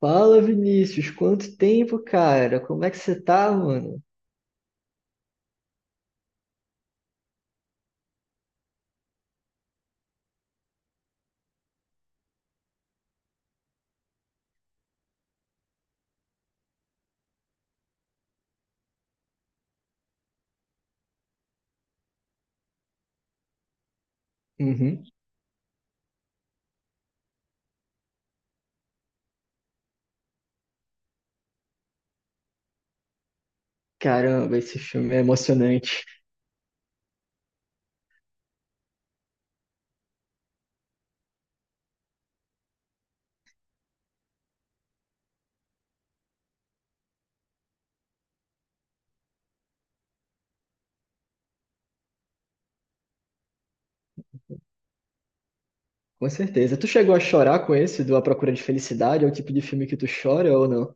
Fala, Vinícius, quanto tempo, cara? Como é que você tá, mano? Uhum. Caramba, esse filme é emocionante, com certeza. Tu chegou a chorar com esse do A Procura de Felicidade? É o tipo de filme que tu chora ou não?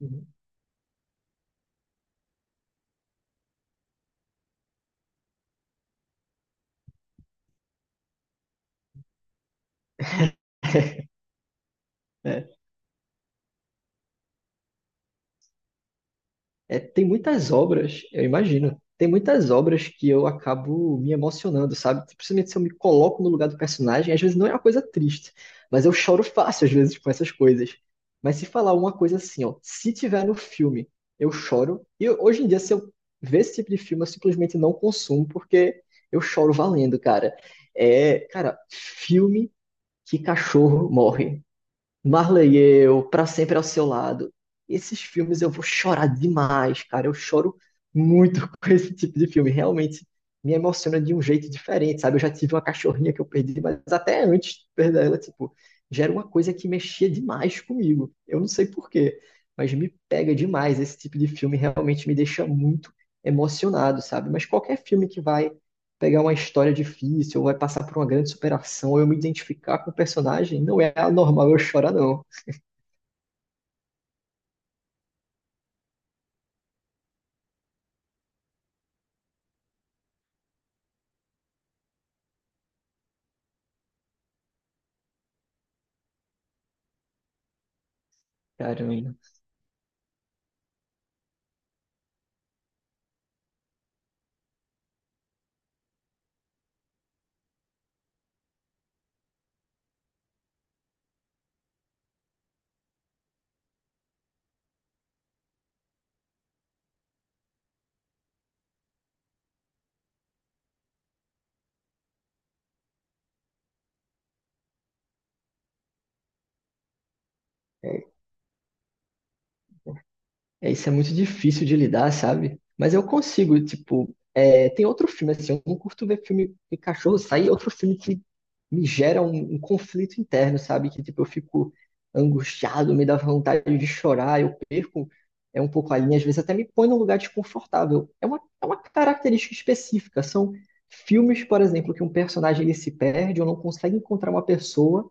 Uhum. É. É, tem muitas obras, eu imagino, tem muitas obras que eu acabo me emocionando, sabe? Principalmente se eu me coloco no lugar do personagem, às vezes não é uma coisa triste, mas eu choro fácil às vezes com essas coisas. Mas se falar uma coisa assim, ó, se tiver no filme, eu choro. Hoje em dia, se eu ver esse tipo de filme, eu simplesmente não consumo, porque eu choro valendo, cara. É, cara, filme que cachorro morre. Marley e eu, Pra Sempre ao Seu Lado. Esses filmes eu vou chorar demais, cara. Eu choro muito com esse tipo de filme. Realmente me emociona de um jeito diferente, sabe? Eu já tive uma cachorrinha que eu perdi, mas até antes de perder ela, tipo, já era uma coisa que mexia demais comigo. Eu não sei por quê, mas me pega demais. Esse tipo de filme realmente me deixa muito emocionado, sabe? Mas qualquer filme que vai pegar uma história difícil, ou vai passar por uma grande superação, ou eu me identificar com o personagem, não é anormal eu chorar, não. Caramba. É. É, isso é muito difícil de lidar, sabe? Mas eu consigo, tipo, é, tem outro filme, assim, eu não curto ver filme de cachorro sair, outro filme que me gera um conflito interno, sabe? Que, tipo, eu fico angustiado, me dá vontade de chorar, eu perco um pouco a linha, às vezes até me põe num lugar desconfortável. É uma característica específica, são filmes, por exemplo, que um personagem ele se perde ou não consegue encontrar uma pessoa,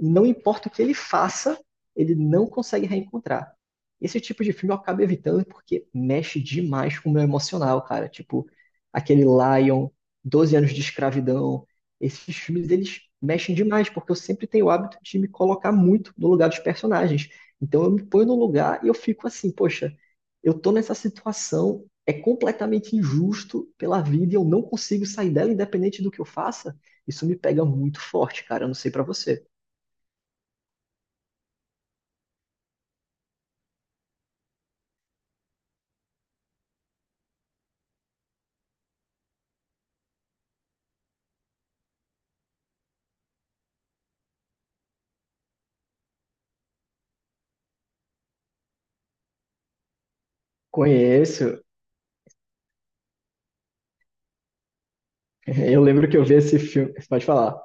e não importa o que ele faça, ele não consegue reencontrar. Esse tipo de filme eu acabo evitando porque mexe demais com o meu emocional, cara. Tipo, aquele Lion, Doze Anos de Escravidão. Esses filmes, eles mexem demais, porque eu sempre tenho o hábito de me colocar muito no lugar dos personagens. Então eu me ponho no lugar e eu fico assim, poxa, eu tô nessa situação, é completamente injusto pela vida e eu não consigo sair dela independente do que eu faça. Isso me pega muito forte, cara. Eu não sei pra você. Conheço. Eu lembro que eu vi esse filme. Você pode falar.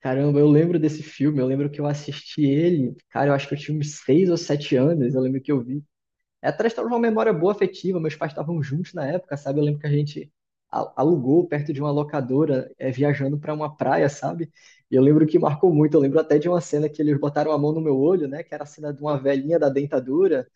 Caramba, eu lembro desse filme, eu lembro que eu assisti ele, cara, eu acho que eu tinha uns 6 ou 7 anos, eu lembro que eu vi. É, atrás estava uma memória boa afetiva, meus pais estavam juntos na época, sabe? Eu lembro que a gente alugou perto de uma locadora, é, viajando para uma praia, sabe? E eu lembro que marcou muito, eu lembro até de uma cena que eles botaram a mão no meu olho, né? Que era a cena de uma velhinha da dentadura,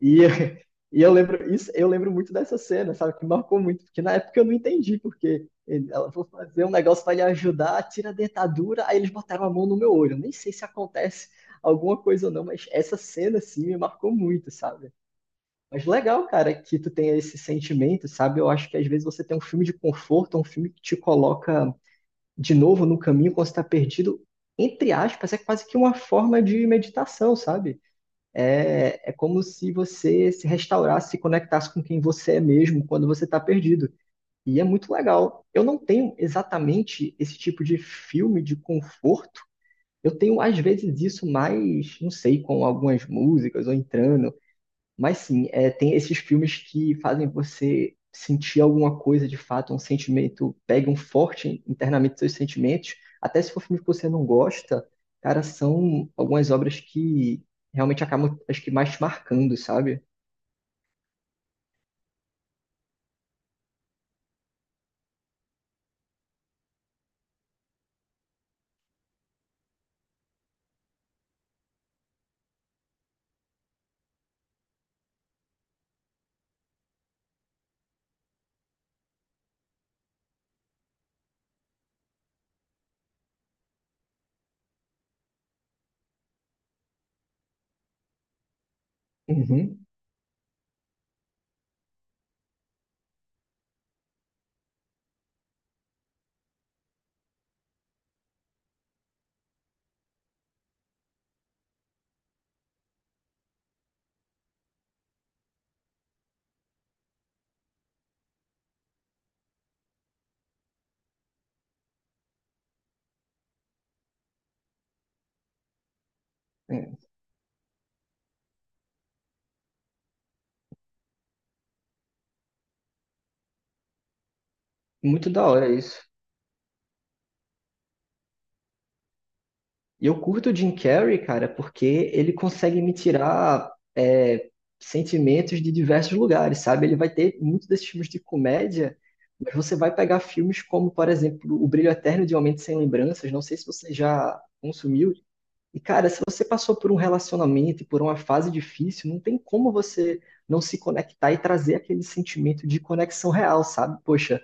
e, e eu lembro isso, eu lembro muito dessa cena, sabe? Que marcou muito, porque na época eu não entendi, porque ela foi fazer um negócio para lhe ajudar, tira a dentadura, aí eles botaram a mão no meu olho. Eu nem sei se acontece alguma coisa ou não, mas essa cena assim me marcou muito, sabe? Mas legal, cara, que tu tenha esse sentimento, sabe? Eu acho que às vezes você tem um filme de conforto, um filme que te coloca de novo no caminho quando você tá perdido, entre aspas, é quase que uma forma de meditação, sabe? É, é como se você se restaurasse, se conectasse com quem você é mesmo quando você está perdido. E é muito legal. Eu não tenho exatamente esse tipo de filme de conforto. Eu tenho, às vezes, isso mais, não sei, com algumas músicas ou entrando, mas sim, é, tem esses filmes que fazem você sentir alguma coisa de fato, um sentimento, pega um forte internamente seus sentimentos, até se for filme que você não gosta, cara, são algumas obras que realmente acabam, acho que mais te marcando, sabe? Uhum. É, muito da hora isso. E eu curto o Jim Carrey, cara, porque ele consegue me tirar é, sentimentos de diversos lugares, sabe? Ele vai ter muitos desses filmes de comédia, mas você vai pegar filmes como, por exemplo, O Brilho Eterno de Uma Mente Sem Lembranças, não sei se você já consumiu. E, cara, se você passou por um relacionamento e por uma fase difícil, não tem como você não se conectar e trazer aquele sentimento de conexão real, sabe? Poxa,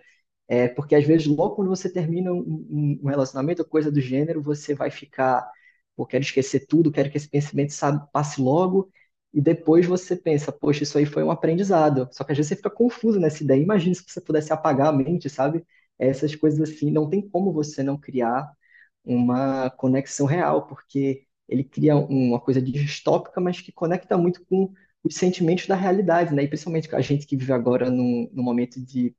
é, porque às vezes, logo quando você termina um relacionamento ou coisa do gênero, você vai ficar, pô, quero esquecer tudo, quero que esse pensamento, sabe, passe logo, e depois você pensa, poxa, isso aí foi um aprendizado. Só que às vezes você fica confuso nessa ideia. Imagina se você pudesse apagar a mente, sabe? Essas coisas assim, não tem como você não criar uma conexão real, porque ele cria uma coisa distópica, mas que conecta muito com os sentimentos da realidade, né? E principalmente com a gente que vive agora num momento de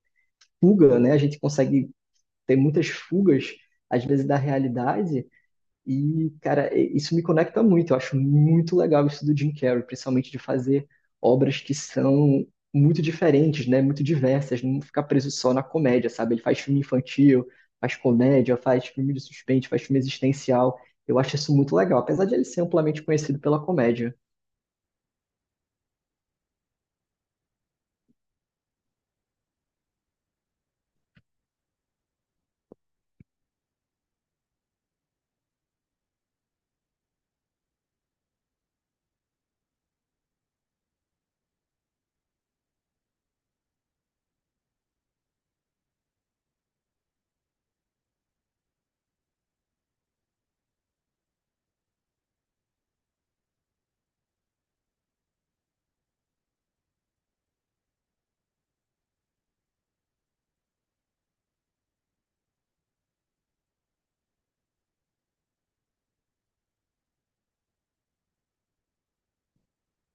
fuga, né? A gente consegue ter muitas fugas, às vezes, da realidade. E, cara, isso me conecta muito. Eu acho muito legal isso do Jim Carrey, principalmente de fazer obras que são muito diferentes, né? Muito diversas, não ficar preso só na comédia, sabe? Ele faz filme infantil, faz comédia, faz filme de suspense, faz filme existencial. Eu acho isso muito legal, apesar de ele ser amplamente conhecido pela comédia.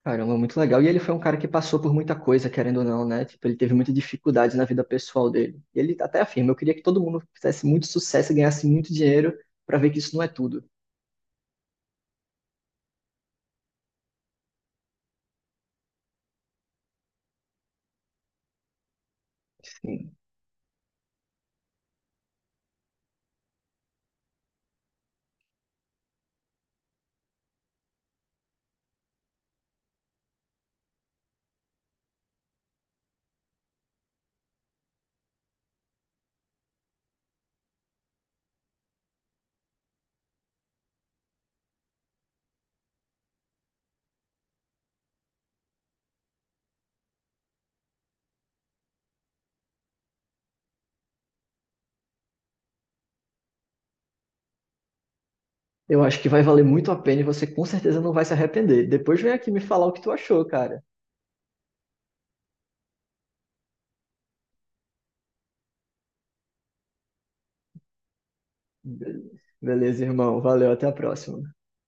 Caramba, muito legal. E ele foi um cara que passou por muita coisa, querendo ou não, né? Tipo, ele teve muita dificuldade na vida pessoal dele. E ele até afirma, eu queria que todo mundo fizesse muito sucesso e ganhasse muito dinheiro para ver que isso não é tudo. Sim. Eu acho que vai valer muito a pena e você com certeza não vai se arrepender. Depois vem aqui me falar o que tu achou, cara. Be- Beleza, irmão. Valeu, até a próxima.